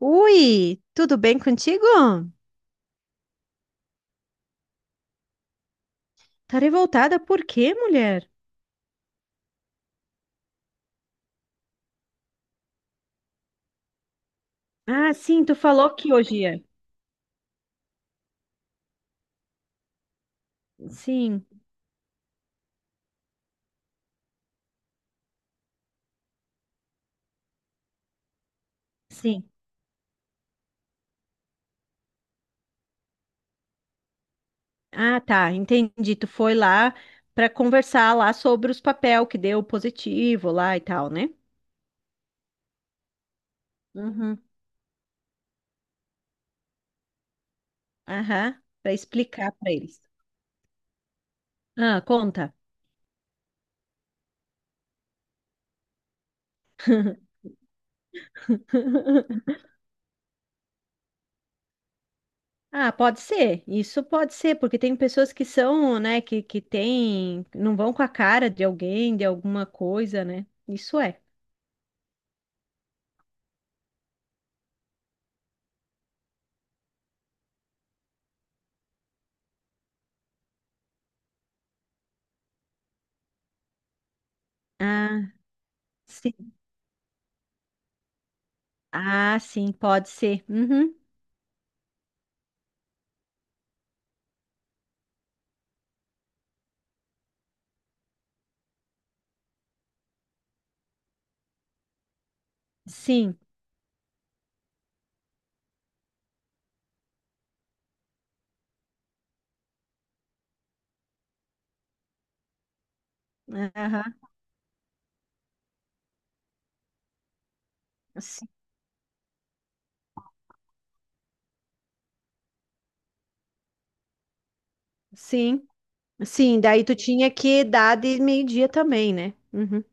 Ui, tudo bem contigo? Tá revoltada por quê, mulher? Ah, sim, tu falou que hoje ia. Sim, sim. Ah, tá, entendi. Tu foi lá pra conversar lá sobre os papel que deu positivo lá e tal, né? Uhum. Aham, pra explicar pra eles. Ah, conta. Ah, pode ser. Isso pode ser, porque tem pessoas que são, né, que tem, não vão com a cara de alguém, de alguma coisa, né? Isso é. Ah, sim. Ah, sim, pode ser. Uhum. Sim. Aham. S- Sim. Sim, daí tu tinha que dar de meio-dia também, né? Uhum.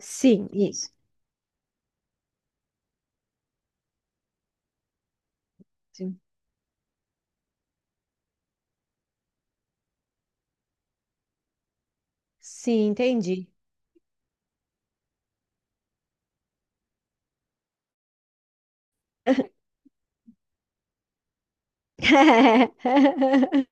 Sim, isso. Sim, sim, entendi.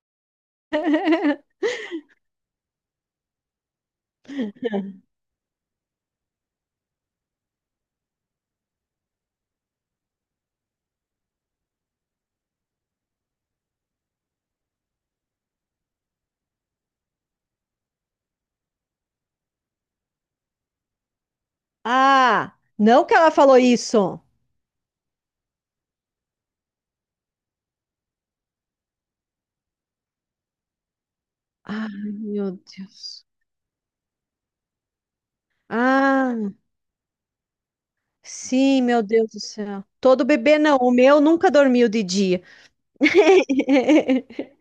Ah, não que ela falou isso. Ai, meu Deus. Ah, sim, meu Deus do céu. Todo bebê não, o meu nunca dormiu de dia.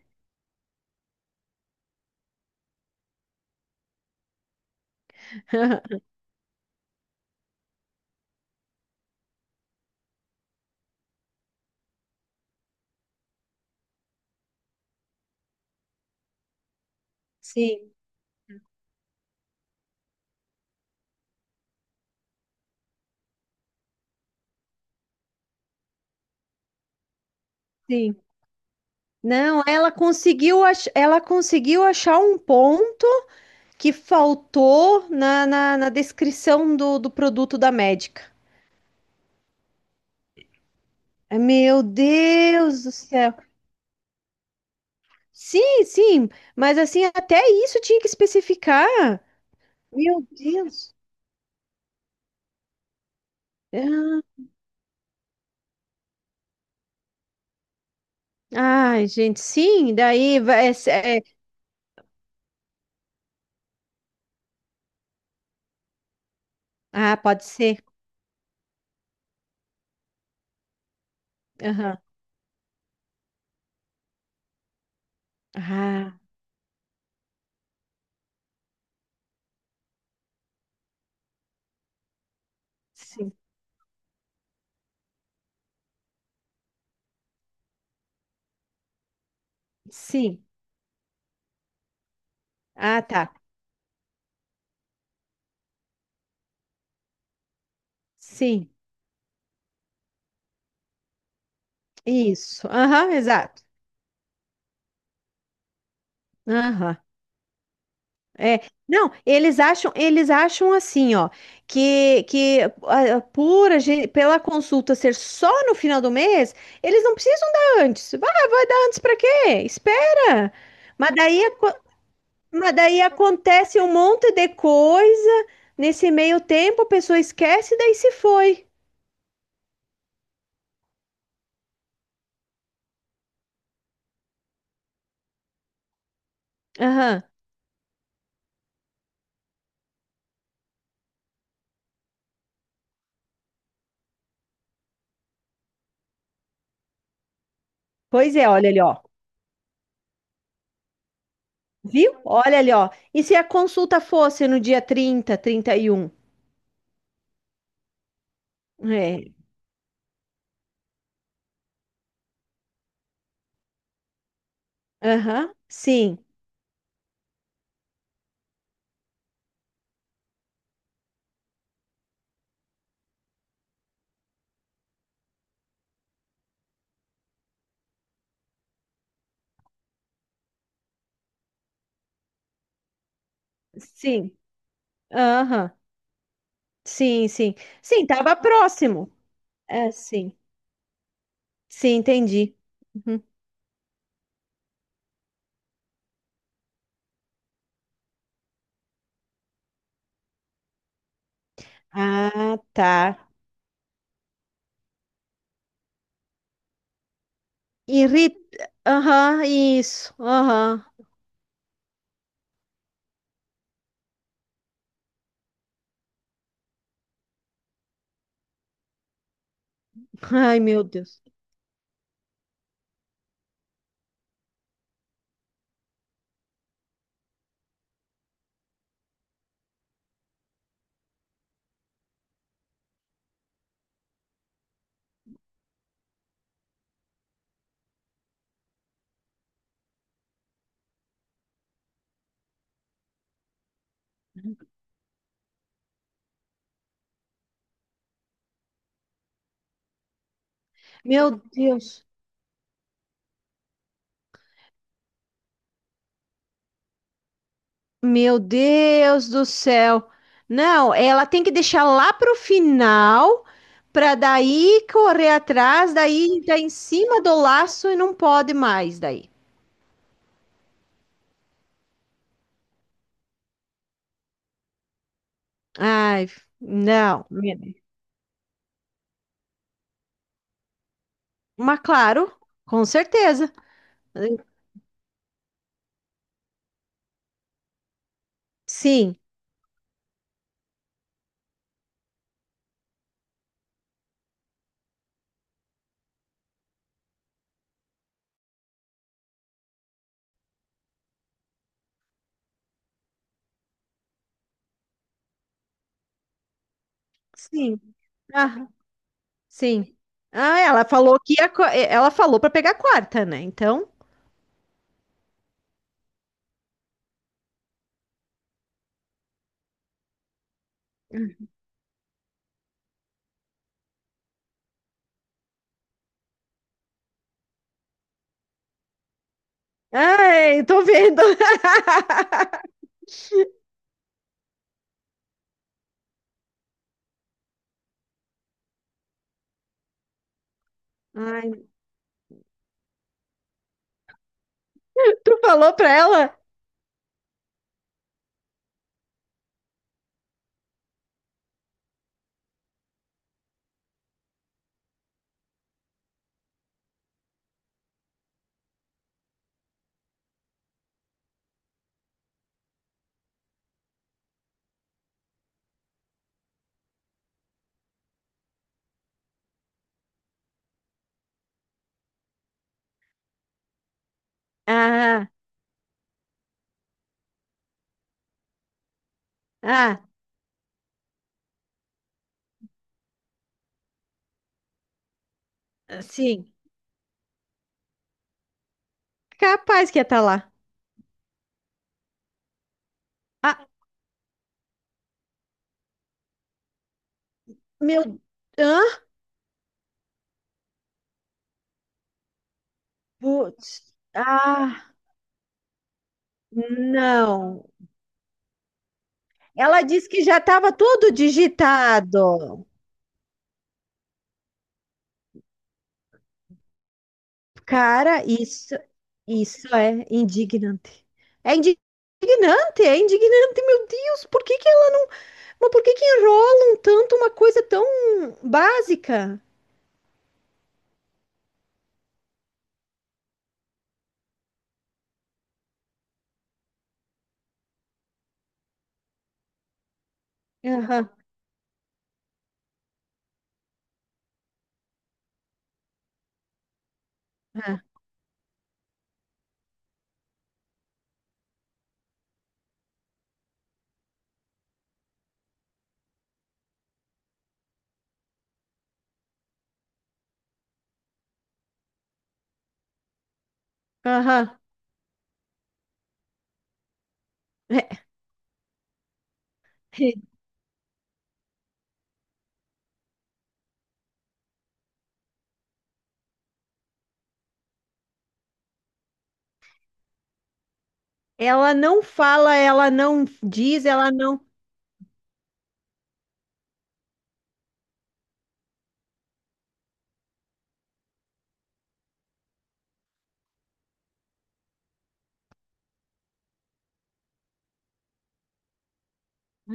Sim, sim. Não, ela conseguiu, ela conseguiu achar um ponto que faltou na descrição do produto da médica. Ai, meu Deus do céu. Sim, mas assim, até isso tinha que especificar. Meu Deus. Ah, ai, gente, sim, daí vai. Ah, pode ser. Aham. Ah, sim, sim. Ah, tá. Sim, isso. Aham, exato. Aham. É, não, eles acham assim, ó, que ah, por a gente, pela consulta ser só no final do mês, eles não precisam dar antes. Vai, vai dar antes para quê? Espera. Mas daí, aco- mas daí acontece um monte de coisa nesse meio tempo, a pessoa esquece e daí se foi. Aham. Pois é, olha ali, ó. Viu? Olha ali, ó. E se a consulta fosse no dia trinta, trinta e um? É. Aham. Sim. Sim. Aham. Sim. Sim, tava próximo. É, sim. Sim, entendi. Uhum. Ah, tá. Irrit... Aham, isso. Aham. Ai, meu Deus. Meu Deus. Meu Deus do céu. Não, ela tem que deixar lá pro final para daí correr atrás, daí tá em cima do laço e não pode mais daí. Ai, não. Mas claro, com certeza. Sim, sim. Ah, sim. Ah, ela falou que ia, ela falou para pegar a quarta, né? Então, ai, tô vendo. Ai, tu falou para ela? Ah, ah, sim. Capaz que ia estar lá. Ah, meu, hã? Putz. Ah, não. Ela disse que já estava tudo digitado. Cara, isso é indignante. É indignante, meu Deus. Por que que ela, mas por que que enrolam tanto uma coisa tão básica? Aham, aham, aham. Ela não fala, ela não diz, ela não.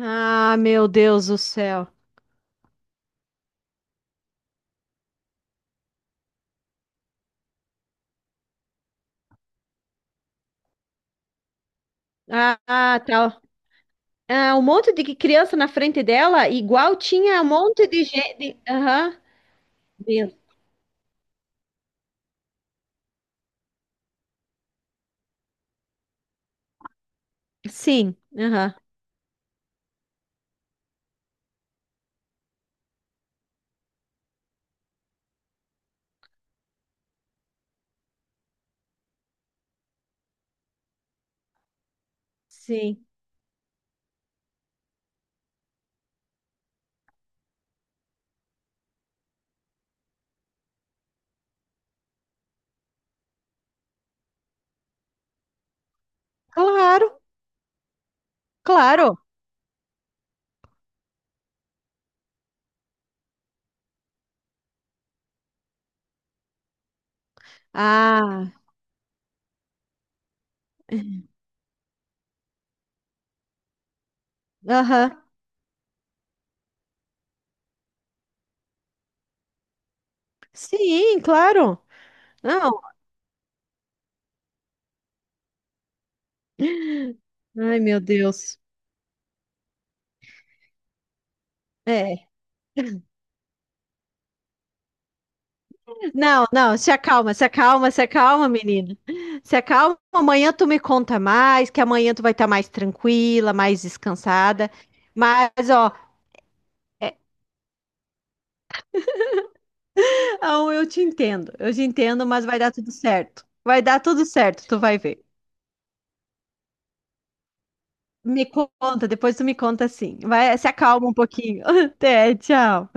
Ah, meu Deus do céu. Ah, ah, tá. Ah, um monte de criança na frente dela, igual tinha um monte de gente. Aham. Meu. Sim, aham. Sim. Claro, claro. Ah, aham. Sim, claro. Não. Ai, meu Deus. É. Não, se acalma, menina. Se acalma, amanhã tu me conta mais, que amanhã tu vai estar mais tranquila, mais descansada. Mas, ó, é, não, eu te entendo, mas vai dar tudo certo. Vai dar tudo certo, tu vai ver. Me conta, depois tu me conta sim. Vai, se acalma um pouquinho. Até, tchau.